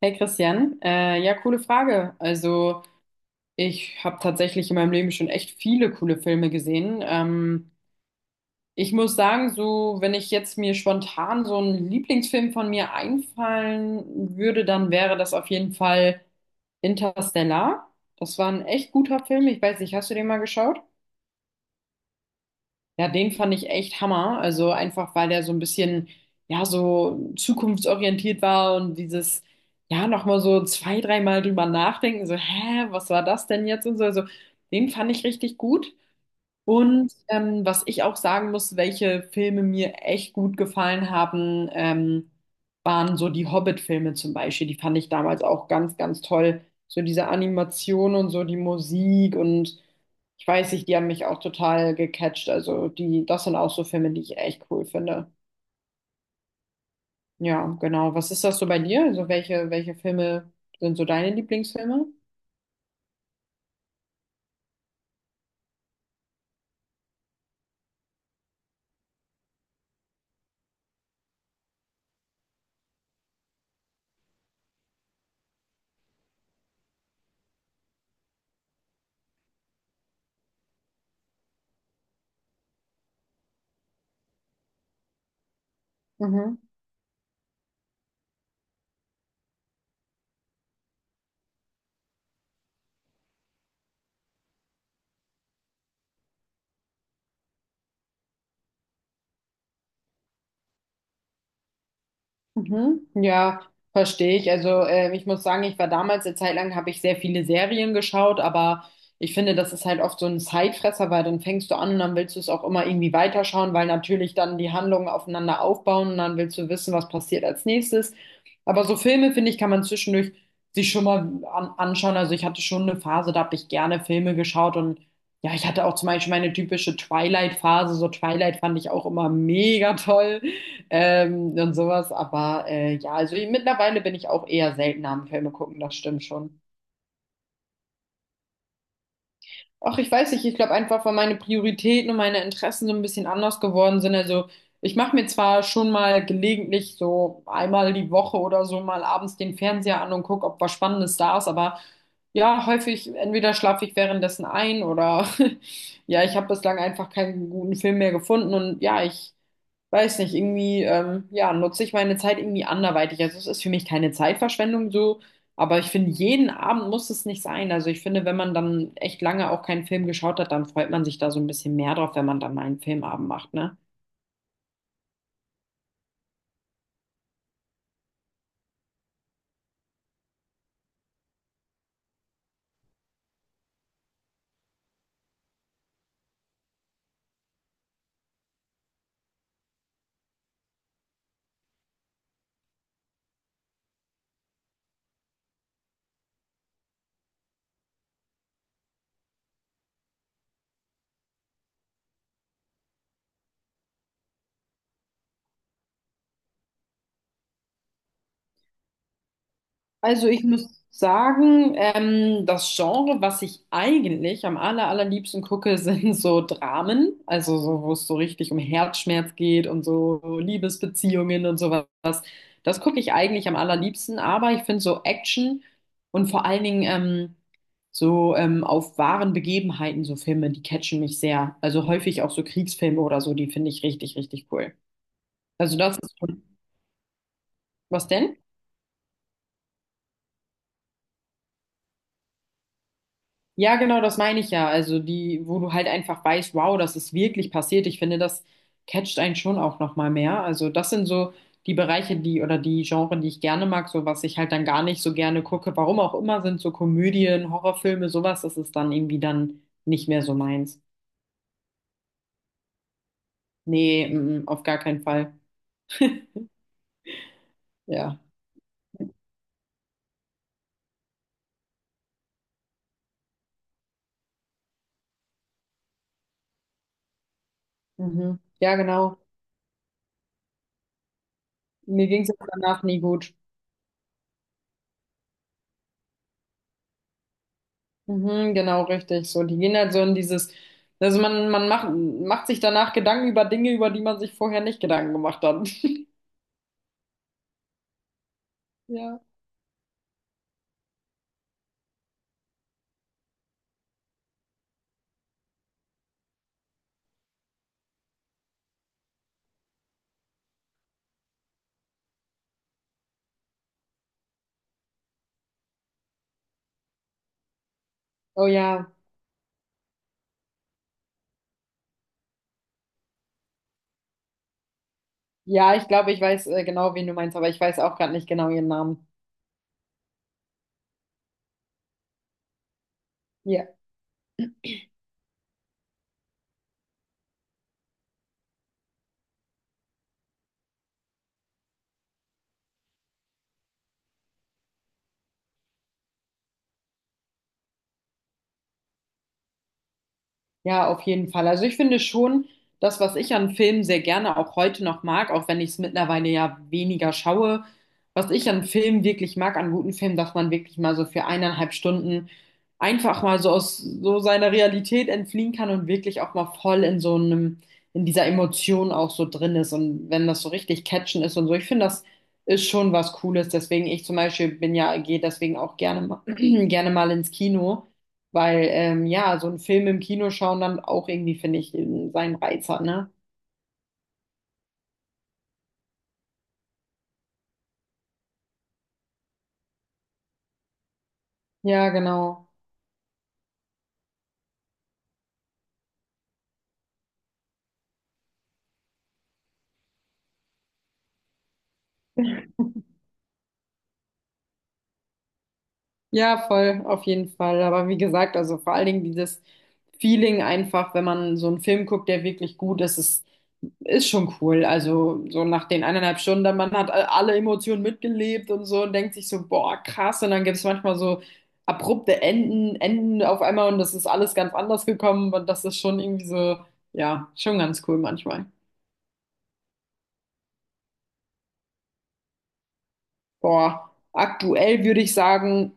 Hey Christian, ja, coole Frage. Also ich habe tatsächlich in meinem Leben schon echt viele coole Filme gesehen. Ich muss sagen, so wenn ich jetzt mir spontan so einen Lieblingsfilm von mir einfallen würde, dann wäre das auf jeden Fall Interstellar. Das war ein echt guter Film. Ich weiß nicht, hast du den mal geschaut? Ja, den fand ich echt Hammer. Also einfach, weil der so ein bisschen, ja, so zukunftsorientiert war und dieses, ja, nochmal so zwei, dreimal drüber nachdenken, so, hä, was war das denn jetzt und so. Also den fand ich richtig gut. Und was ich auch sagen muss, welche Filme mir echt gut gefallen haben, waren so die Hobbit-Filme zum Beispiel. Die fand ich damals auch ganz, ganz toll. So diese Animation und so die Musik und ich weiß nicht, die haben mich auch total gecatcht. Also die, das sind auch so Filme, die ich echt cool finde. Ja, genau. Was ist das so bei dir? Also welche, welche Filme sind so deine Lieblingsfilme? Mhm. Mhm. Ja, verstehe ich. Also ich muss sagen, ich war damals eine Zeit lang, habe ich sehr viele Serien geschaut, aber ich finde, das ist halt oft so ein Zeitfresser, weil dann fängst du an und dann willst du es auch immer irgendwie weiterschauen, weil natürlich dann die Handlungen aufeinander aufbauen und dann willst du wissen, was passiert als nächstes. Aber so Filme, finde ich, kann man zwischendurch sich schon mal an anschauen. Also ich hatte schon eine Phase, da habe ich gerne Filme geschaut und ja, ich hatte auch zum Beispiel meine typische Twilight-Phase. So Twilight fand ich auch immer mega toll und sowas. Aber ja, also mittlerweile bin ich auch eher seltener am Filme gucken, das stimmt schon. Ach, ich weiß nicht, ich glaube einfach, weil meine Prioritäten und meine Interessen so ein bisschen anders geworden sind. Also ich mache mir zwar schon mal gelegentlich so einmal die Woche oder so mal abends den Fernseher an und gucke, ob was Spannendes da ist, aber ja, häufig entweder schlafe ich währenddessen ein oder ja, ich habe bislang einfach keinen guten Film mehr gefunden und ja, ich weiß nicht, irgendwie, ja, nutze ich meine Zeit irgendwie anderweitig. Also es ist für mich keine Zeitverschwendung so, aber ich finde, jeden Abend muss es nicht sein. Also ich finde, wenn man dann echt lange auch keinen Film geschaut hat, dann freut man sich da so ein bisschen mehr drauf, wenn man dann mal einen Filmabend macht, ne? Also ich muss sagen, das Genre, was ich eigentlich am allerliebsten gucke, sind so Dramen, also so, wo es so richtig um Herzschmerz geht und so Liebesbeziehungen und sowas. Das gucke ich eigentlich am allerliebsten, aber ich finde so Action und vor allen Dingen so auf wahren Begebenheiten so Filme, die catchen mich sehr. Also häufig auch so Kriegsfilme oder so, die finde ich richtig, richtig cool. Also das ist schon, was denn? Ja, genau, das meine ich ja. Also die, wo du halt einfach weißt, wow, das ist wirklich passiert. Ich finde, das catcht einen schon auch noch mal mehr. Also das sind so die Bereiche, die oder die Genre, die ich gerne mag, so was ich halt dann gar nicht so gerne gucke. Warum auch immer sind so Komödien, Horrorfilme, sowas, das ist dann irgendwie dann nicht mehr so meins. Nee, mm, mm, auf gar keinen Fall. Ja. Mhm. Ja, genau. Mir ging es danach nie gut. Mhm, genau, richtig. So, die gehen halt so in dieses, also man, macht sich danach Gedanken über Dinge, über die man sich vorher nicht Gedanken gemacht hat. Ja. Oh ja. Ja, ich glaube, ich weiß genau, wen du meinst, aber ich weiß auch gerade nicht genau ihren Namen. Ja. Ja, auf jeden Fall. Also ich finde schon, das, was ich an Filmen sehr gerne auch heute noch mag, auch wenn ich es mittlerweile ja weniger schaue, was ich an Filmen wirklich mag, an guten Filmen, dass man wirklich mal so für eineinhalb Stunden einfach mal so aus so seiner Realität entfliehen kann und wirklich auch mal voll in so einem, in dieser Emotion auch so drin ist. Und wenn das so richtig catchen ist und so, ich finde, das ist schon was Cooles. Deswegen, ich zum Beispiel bin ja, gehe deswegen auch gerne, mal- gerne mal ins Kino. Weil, ja, so einen Film im Kino schauen dann auch irgendwie, finde ich, seinen Reiz hat, ne? Ja, genau. Ja, voll, auf jeden Fall. Aber wie gesagt, also vor allen Dingen dieses Feeling einfach, wenn man so einen Film guckt, der wirklich gut ist, ist schon cool. Also so nach den eineinhalb Stunden, dann man hat alle Emotionen mitgelebt und so und denkt sich so, boah, krass. Und dann gibt es manchmal so abrupte Enden auf einmal und das ist alles ganz anders gekommen und das ist schon irgendwie so, ja, schon ganz cool manchmal. Boah, aktuell würde ich sagen,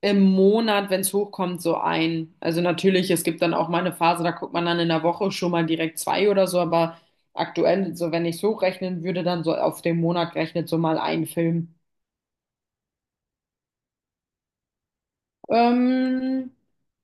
im Monat, wenn es hochkommt, so ein. Also natürlich, es gibt dann auch mal eine Phase, da guckt man dann in der Woche schon mal direkt zwei oder so, aber aktuell, so wenn ich es hochrechnen würde, dann so auf den Monat gerechnet so mal ein Film. Ähm,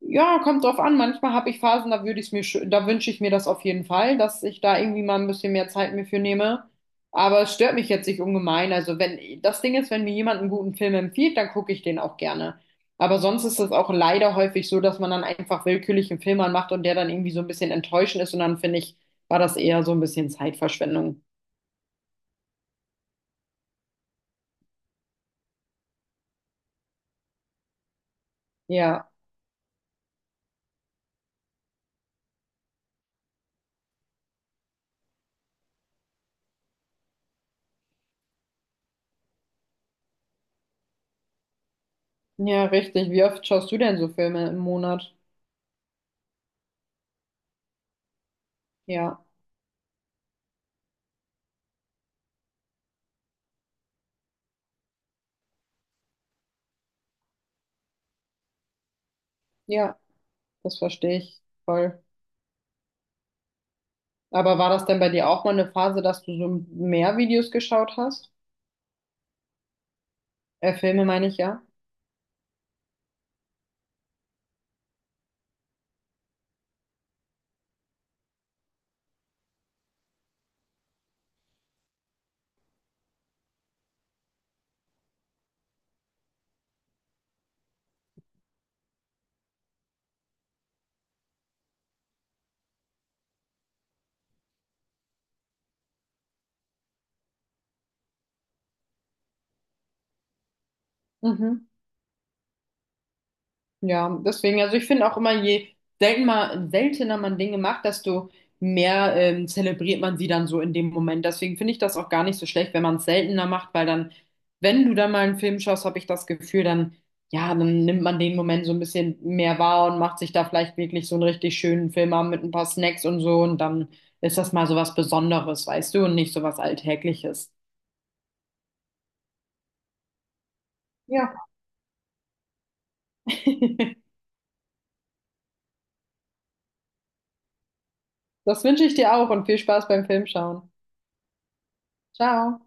ja, kommt drauf an. Manchmal habe ich Phasen, da würde ich mir, da wünsche ich mir das auf jeden Fall, dass ich da irgendwie mal ein bisschen mehr Zeit mir für nehme. Aber es stört mich jetzt nicht ungemein. Also wenn, das Ding ist, wenn mir jemand einen guten Film empfiehlt, dann gucke ich den auch gerne. Aber sonst ist es auch leider häufig so, dass man dann einfach willkürlich einen Film anmacht und der dann irgendwie so ein bisschen enttäuschend ist. Und dann finde ich, war das eher so ein bisschen Zeitverschwendung. Ja, ja, richtig. Wie oft schaust du denn so Filme im Monat? Ja, ja, das verstehe ich voll. Aber war das denn bei dir auch mal eine Phase, dass du so mehr Videos geschaut hast? Filme meine ich, ja. Mhm. Ja, deswegen, also ich finde auch immer, je seltener man Dinge macht, desto mehr zelebriert man sie dann so in dem Moment. Deswegen finde ich das auch gar nicht so schlecht, wenn man es seltener macht, weil dann, wenn du dann mal einen Film schaust, habe ich das Gefühl, dann, ja, dann nimmt man den Moment so ein bisschen mehr wahr und macht sich da vielleicht wirklich so einen richtig schönen Film an mit ein paar Snacks und so und dann ist das mal so was Besonderes, weißt du, und nicht so was Alltägliches. Ja. Das wünsche ich dir auch und viel Spaß beim Filmschauen. Ciao.